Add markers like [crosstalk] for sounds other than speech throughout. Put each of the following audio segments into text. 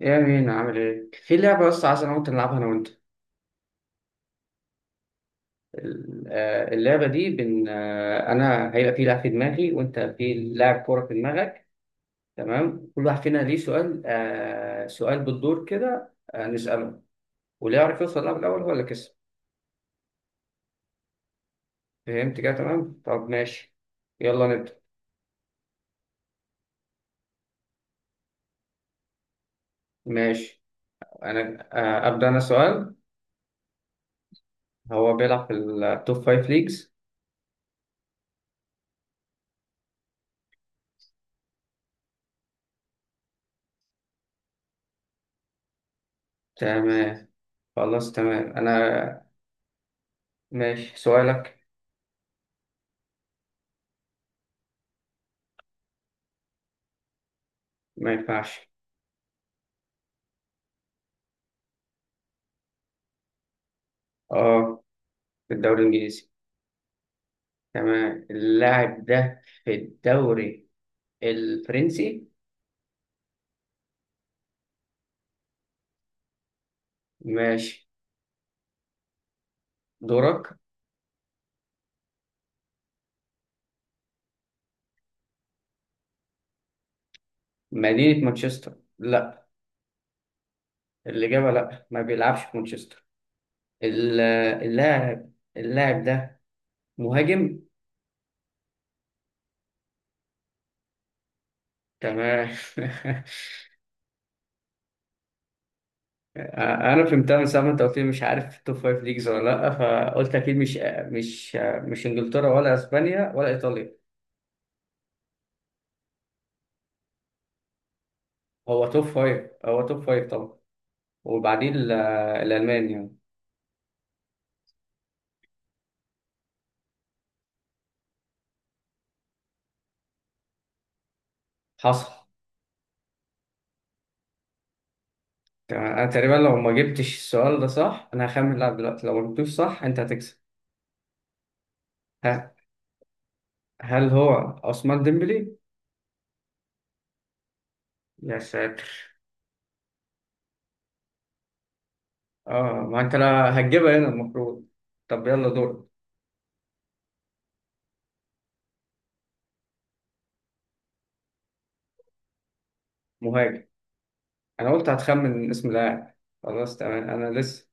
ايه يا مين عامل ايه؟ في لعبة بس عايز انا وانت نلعبها انا وانت. اللعبة دي بن آه، انا هيبقى في لاعب في دماغي وانت في لاعب كورة في دماغك. تمام، كل واحد فينا ليه سؤال بالدور كده، نسأله. واللي يعرف يوصل لها الاول هو اللي كسب. فهمت كده تمام؟ طب ماشي، يلا نبدأ. ماشي، انا ابدأ انا سؤال. هو بيلعب في التوب فايف ليجز. تمام، خلاص تمام. انا ماشي سؤالك. ما ينفعش. اه، في الدوري الإنجليزي. تمام، اللاعب ده في الدوري الفرنسي. ماشي دورك. مدينة مانشستر، لا. الإجابة لا، ما بيلعبش في مانشستر. ال- اللاعب اللاعب ده مهاجم. تمام. [laughs] أنا فهمتها من ساعة ما أنت قلت لي مش عارف توب فايف ليجز ولا لأ، فقلت أكيد مش مش إنجلترا ولا أسبانيا ولا إيطاليا. هو توب فايف، هو توب فايف طبعا. وبعدين الألمان يعني. حصل. تمام انا تقريبا لو ما جبتش السؤال ده صح انا هخمن اللاعب دلوقتي، لو ما جبتوش صح انت هتكسب. ها، هل هو عثمان ديمبلي؟ يا ساتر. اه، ما انت لا هتجيبها هنا المفروض. طب يلا دور. مهاجم. انا قلت هتخمن اسم اللاعب. خلاص تمام انا لسه.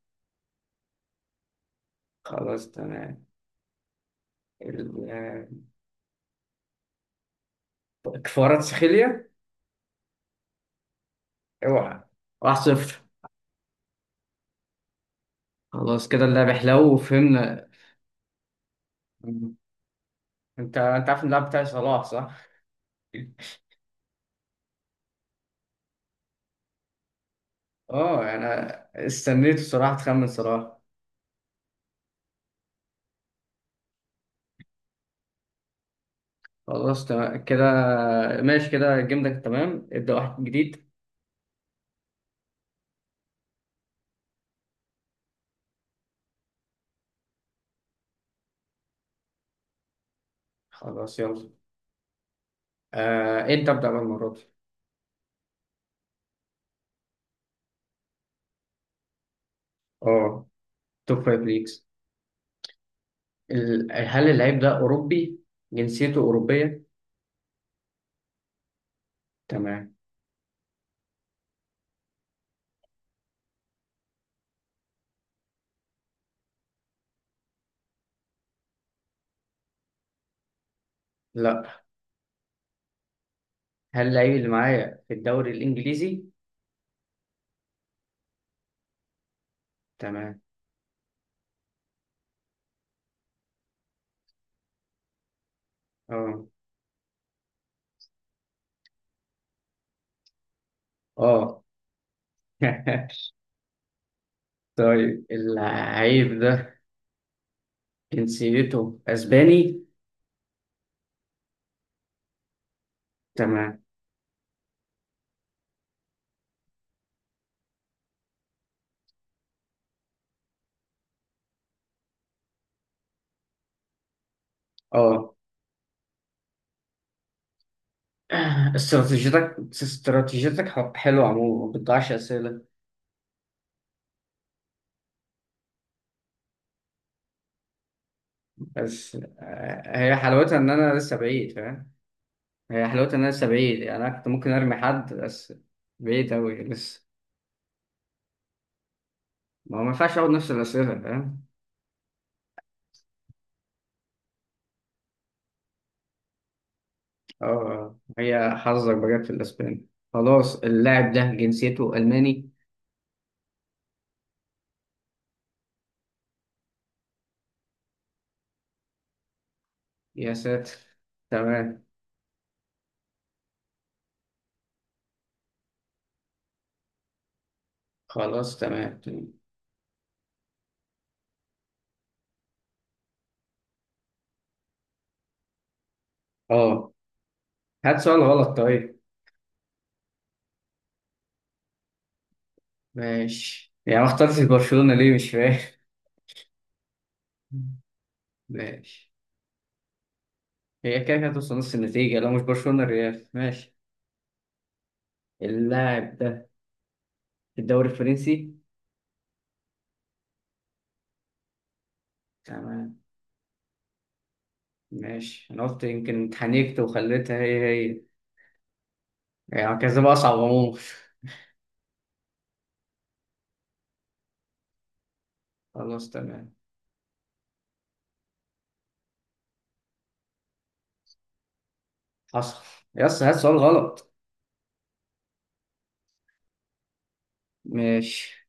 خلاص تمام. ال- آه، كفارات سخيليا. اوعى. واحد صفر. خلاص كده اللعب حلو وفهمنا. انت انت عارف إن اللاعب بتاعي صلاح صح؟ اه، انا استنيت بصراحة تخمن صلاح. خلاص تمام كده. ماشي كده الجيم ده تمام، ابدأ واحد جديد. خلاص يلا. آه، انت ابدأ بقى المرة دي. اه، توب فايف ليجز. هل اللعيب ده أوروبي؟ جنسيته أوروبية. تمام. لا، هل اللعيب اللي معايا في الدوري الإنجليزي؟ تمام. اه اه. [laughs] طيب اللعيب ده جنسيته أسباني؟ تمام. اه. [clears throat] استراتيجيتك حلوة عموما، ما بتضيعش أسئلة. بس هي حلاوتها ان انا لسه بعيد فاهم. هي حلاوتها ان انا لسه بعيد، يعني انا كنت ممكن ارمي حد بس. بعيد اوي لسه. ما هو ما ينفعش اقعد نفس الاسئله فاهم. هي حظك بجد في الاسباني. خلاص اللاعب ده جنسيته الماني. يا ساتر. تمام، خلاص تمام تمام. اه، هات سؤال غلط طيب. ماشي، يعني ما اخترتش برشلونه ليه مش فاهم. [laughs] ماشي. هي كده كده هتوصل نص النتيجه لو مش برشلونه الريال ماشي. اللاعب ده في الدوري الفرنسي. تمام. ماشي انا قلت يمكن اتحنكت وخليتها هي. يعني كذا بقى اصعب عموما. خلاص تمام. حصل. يس، هات سؤال غلط. ماشي.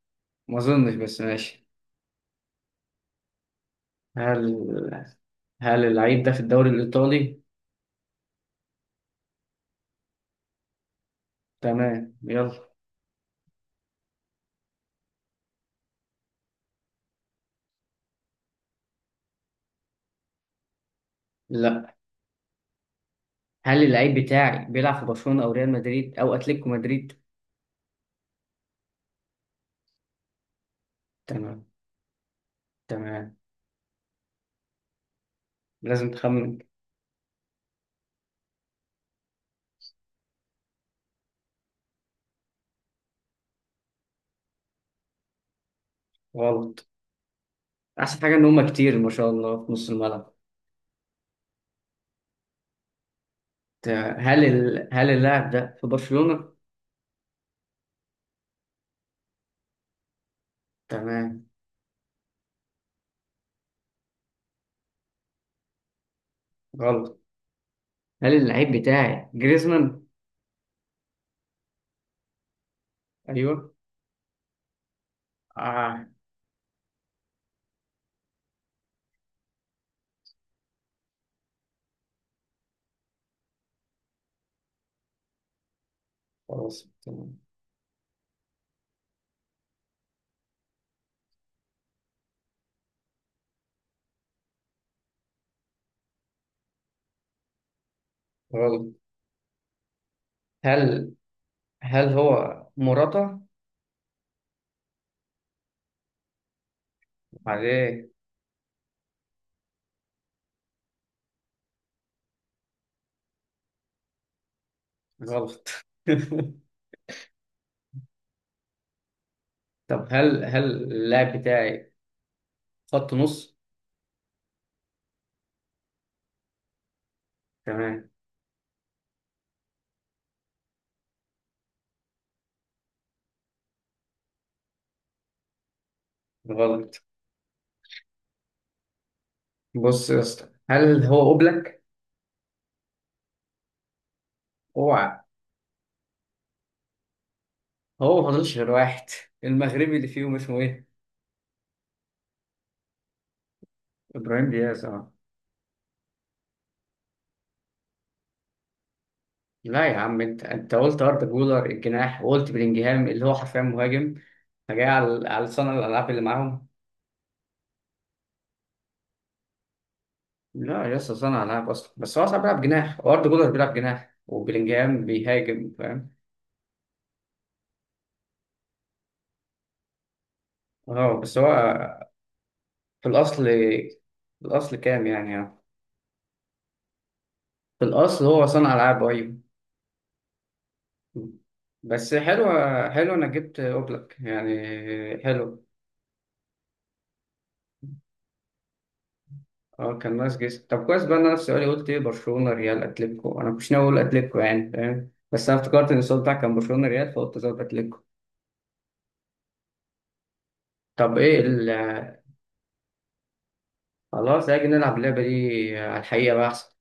ما اظنش بس ماشي. هل هل اللعيب ده في الدوري الايطالي؟ تمام يلا. لا، هل اللعيب بتاعي بيلعب في برشلونة او ريال مدريد او اتلتيكو مدريد؟ تمام تمام. لازم تخمن. غلط. احسن حاجة ان هما كتير ما شاء الله في نص الملعب. ت- هل اللاعب ده في برشلونة؟ تمام. غلط. هل اللعيب بتاعي جريزمان؟ ايوه. اه. خلاص تمام. غلط. هل هل هو مراته عليه؟ غلط. [laughs] طب، هل اللاعب بتاعي خط نص؟ تمام. غلط. بص يا اسطى، هل هو اوبلاك؟ اوعى. هو ما فاضلش غير واحد، المغربي اللي فيهم اسمه ايه؟ ابراهيم دياز اه. لا يا عم، انت قلت اردا جولر الجناح، وقلت بلينجهام اللي هو حرفيا مهاجم. فجاي على صانع الالعاب اللي معاهم. لا لسه صانع العاب اصلا، بس هو اصلا بيلعب جناح، واردا جولر بيلعب جناح، وبلينجهام بيهاجم فاهم. اه بس هو في الاصل كام يعني اه. في الاصل هو صانع العاب ايوه. بس حلو، حلو انك جبت اوبلك يعني. حلو. اه كان ناقص جسم. طب كويس بقى إن انا في سؤالي قلت ايه برشلونه ريال اتلتيكو، انا مش ناوي اقول اتلتيكو يعني فاهم، بس انا افتكرت ان السؤال بتاعك كان برشلونه ريال فقلت زود اتلتيكو. طب ايه؟ خلاص هاجي نلعب اللعبه دي على الحقيقه بقى احسن.